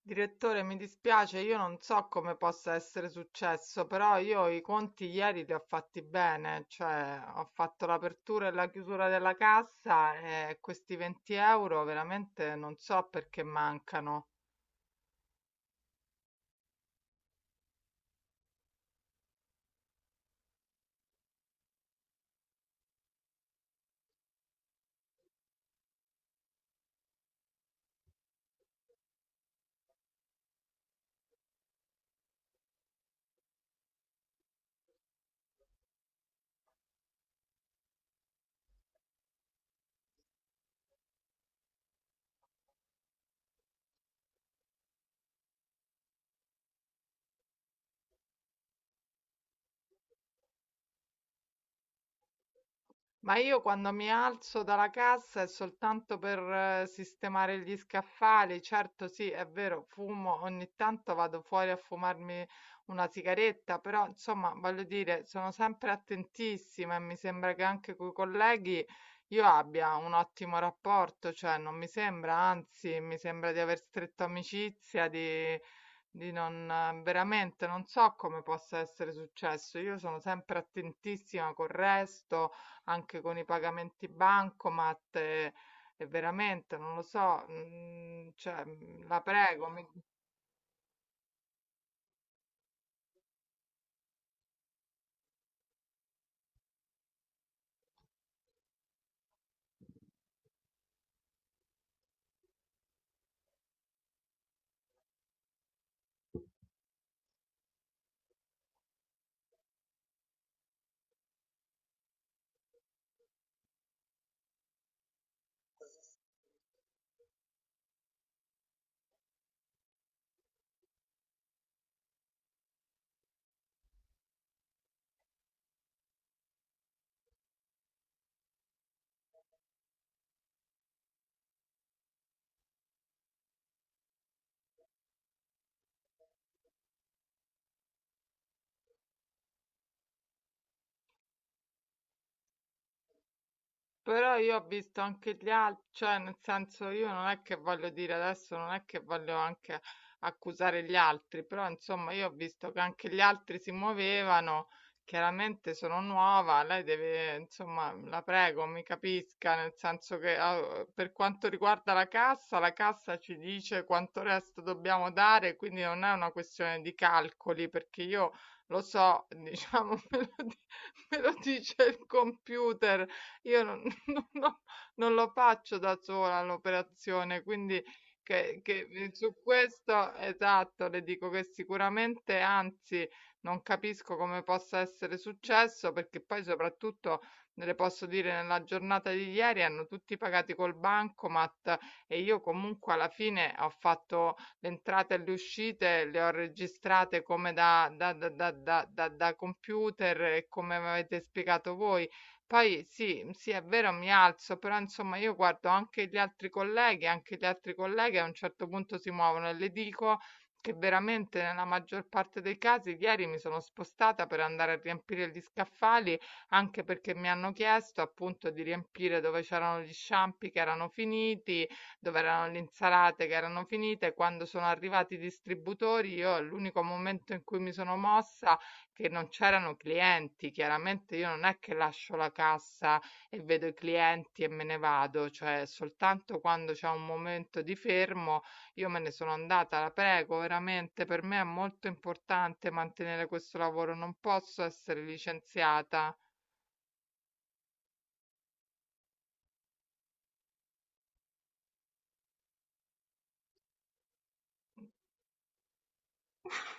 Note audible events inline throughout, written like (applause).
Direttore, mi dispiace, io non so come possa essere successo, però io i conti ieri li ho fatti bene, cioè ho fatto l'apertura e la chiusura della cassa e questi 20 euro veramente non so perché mancano. Ma io quando mi alzo dalla cassa è soltanto per sistemare gli scaffali. Certo, sì, è vero, fumo, ogni tanto vado fuori a fumarmi una sigaretta, però insomma, voglio dire, sono sempre attentissima e mi sembra che anche coi colleghi io abbia un ottimo rapporto, cioè non mi sembra, anzi, mi sembra di aver stretto amicizia, di non veramente non so come possa essere successo. Io sono sempre attentissima col resto, anche con i pagamenti bancomat e veramente non lo so, mm, cioè, mm, la prego, mi- Però io ho visto anche gli altri, cioè nel senso, io non è che voglio dire adesso, non è che voglio anche accusare gli altri, però insomma io ho visto che anche gli altri si muovevano. Chiaramente sono nuova, lei deve, insomma, la prego, mi capisca, nel senso che per quanto riguarda la cassa ci dice quanto resto dobbiamo dare, quindi non è una questione di calcoli, perché io lo so, diciamo, (laughs) me lo dice il computer. Io non (laughs) non non non lo faccio da sola l'operazione, quindi su questo, esatto, le dico che sicuramente, anzi, non capisco come possa essere successo, perché poi soprattutto, le posso dire, nella giornata di ieri hanno tutti pagati col bancomat e io comunque alla fine ho fatto le entrate e le uscite, le ho registrate come da computer e come m'avete spiegato voi. Poi sì, mhmm, sì, è vero, mi alzo, però insomma io guardo anche gli altri colleghi, anche gli altri colleghi a un certo punto si muovono e le dico che veramente nella maggior parte dei casi ieri mi sono spostata per andare a riempire gli scaffali, anche perché mi hanno chiesto appunto di riempire dove c'erano gli sciampi che erano finiti, dove erano le insalate che erano finite. Quando sono arrivati i distributori, io l'unico momento in cui mi sono mossa, che non c'erano clienti. Chiaramente io non è che lascio la cassa e vedo i clienti e me ne vado, cioè soltanto quando c'è un momento di fermo io me ne sono andata. La prego, veramente per me è molto importante mantenere questo lavoro, non posso essere licenziata. (laughs)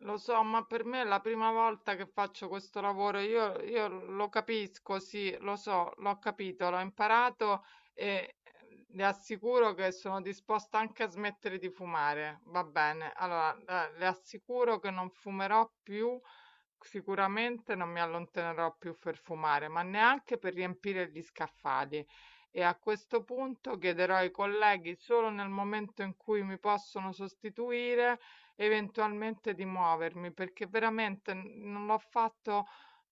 Lo so, ma per me è la prima volta che faccio questo lavoro. Io lo capisco, sì, lo so, l'ho capito, l'ho imparato e le assicuro che sono disposta anche a smettere di fumare. Va bene, allora, le assicuro che non fumerò più, sicuramente non mi allontanerò più per fumare, ma neanche per riempire gli scaffali. E a questo punto chiederò ai colleghi, solo nel momento in cui mi possono sostituire eventualmente, di muovermi, perché veramente n- non l'ho fatto.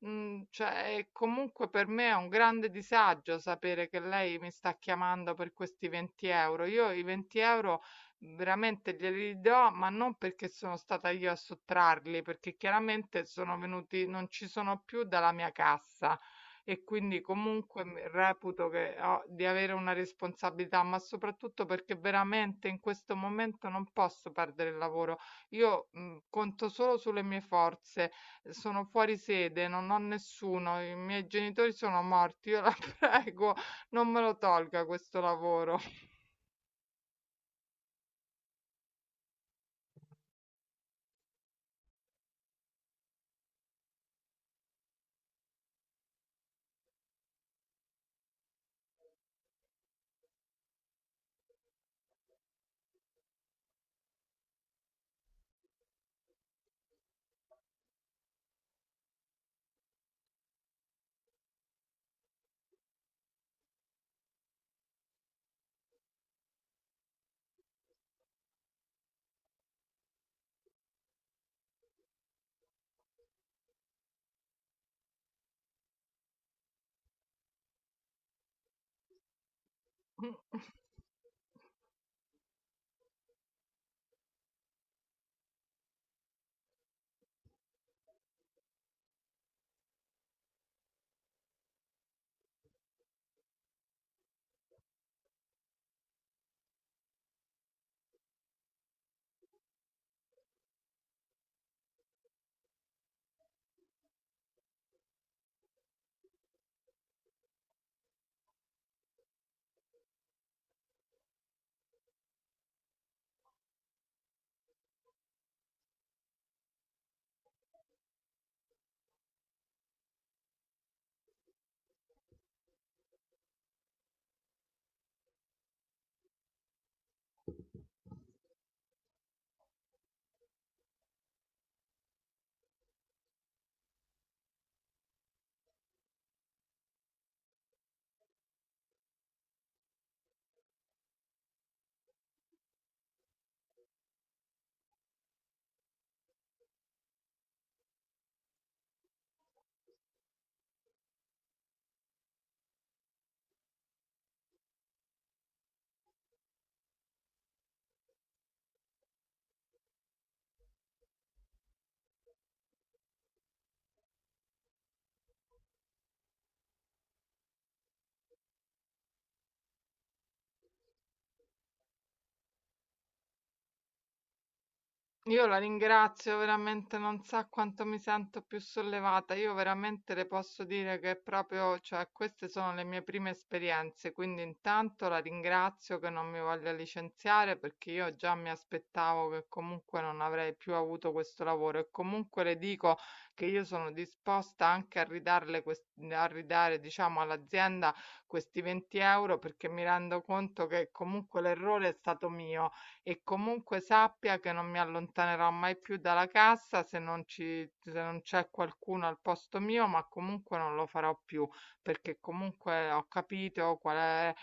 Mm, cioè, e comunque per me è un grande disagio sapere che lei mi sta chiamando per questi 20 euro. Io i 20 euro veramente glieli do, ma non perché sono stata io a sottrarli, perché chiaramente sono venuti, non ci sono più dalla mia cassa, e quindi comunque mi- reputo che ho, di avere una responsabilità, ma soprattutto perché veramente in questo momento non posso perdere il lavoro. Io, mhmm, conto solo sulle mie forze, sono fuori sede, non ho nessuno, i miei genitori sono morti. Io la (laughs) prego, non me lo tolga questo lavoro. (laughs) Io la ringrazio veramente, non sa quanto mi sento più sollevata. Io veramente le posso dire che proprio, cioè, queste sono le mie prime esperienze, quindi intanto la ringrazio che non mi voglia licenziare, perché io già mi aspettavo che comunque non avrei più avuto questo lavoro, e comunque le dico che io sono disposta anche a ridarle, a ridare, diciamo, all'azienda questi 20 euro, perché mi rendo conto che comunque l'errore è stato mio, e comunque sappia che non mi allontanerò mai più dalla cassa se non ci, se non c'è qualcuno al posto mio, ma comunque non lo farò più, perché comunque ho capito qual è.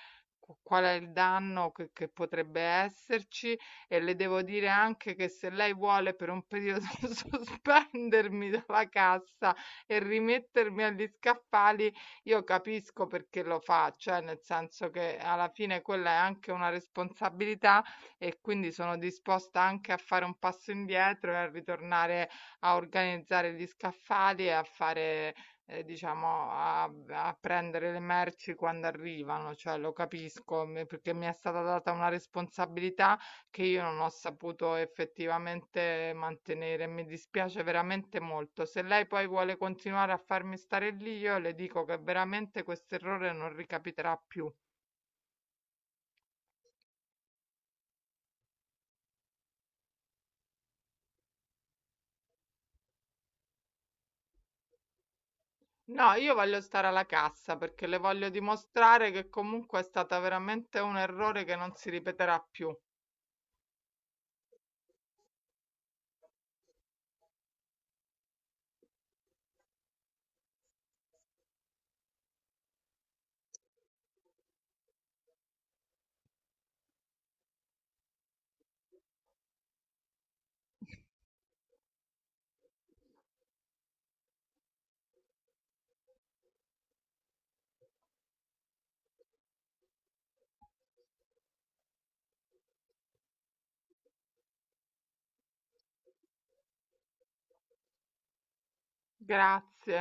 Qual è il danno che potrebbe esserci? E le devo dire anche che, se lei vuole, per un periodo (laughs) sospendermi dalla cassa e rimettermi agli scaffali, io capisco perché lo fa, cioè nel senso che alla fine quella è anche una responsabilità, e quindi sono disposta anche a fare un passo indietro e a ritornare a organizzare gli scaffali e a fare, diciamo, a, a prendere le merci quando arrivano, cioè lo capisco, me- perché mi è stata data una responsabilità che io non ho saputo effettivamente mantenere. Mi dispiace veramente molto. Se lei poi vuole continuare a farmi stare lì, io le dico che veramente questo errore non ricapiterà più. No, io voglio stare alla cassa, perché le voglio dimostrare che comunque è stata veramente un errore che non si ripeterà più. Grazie.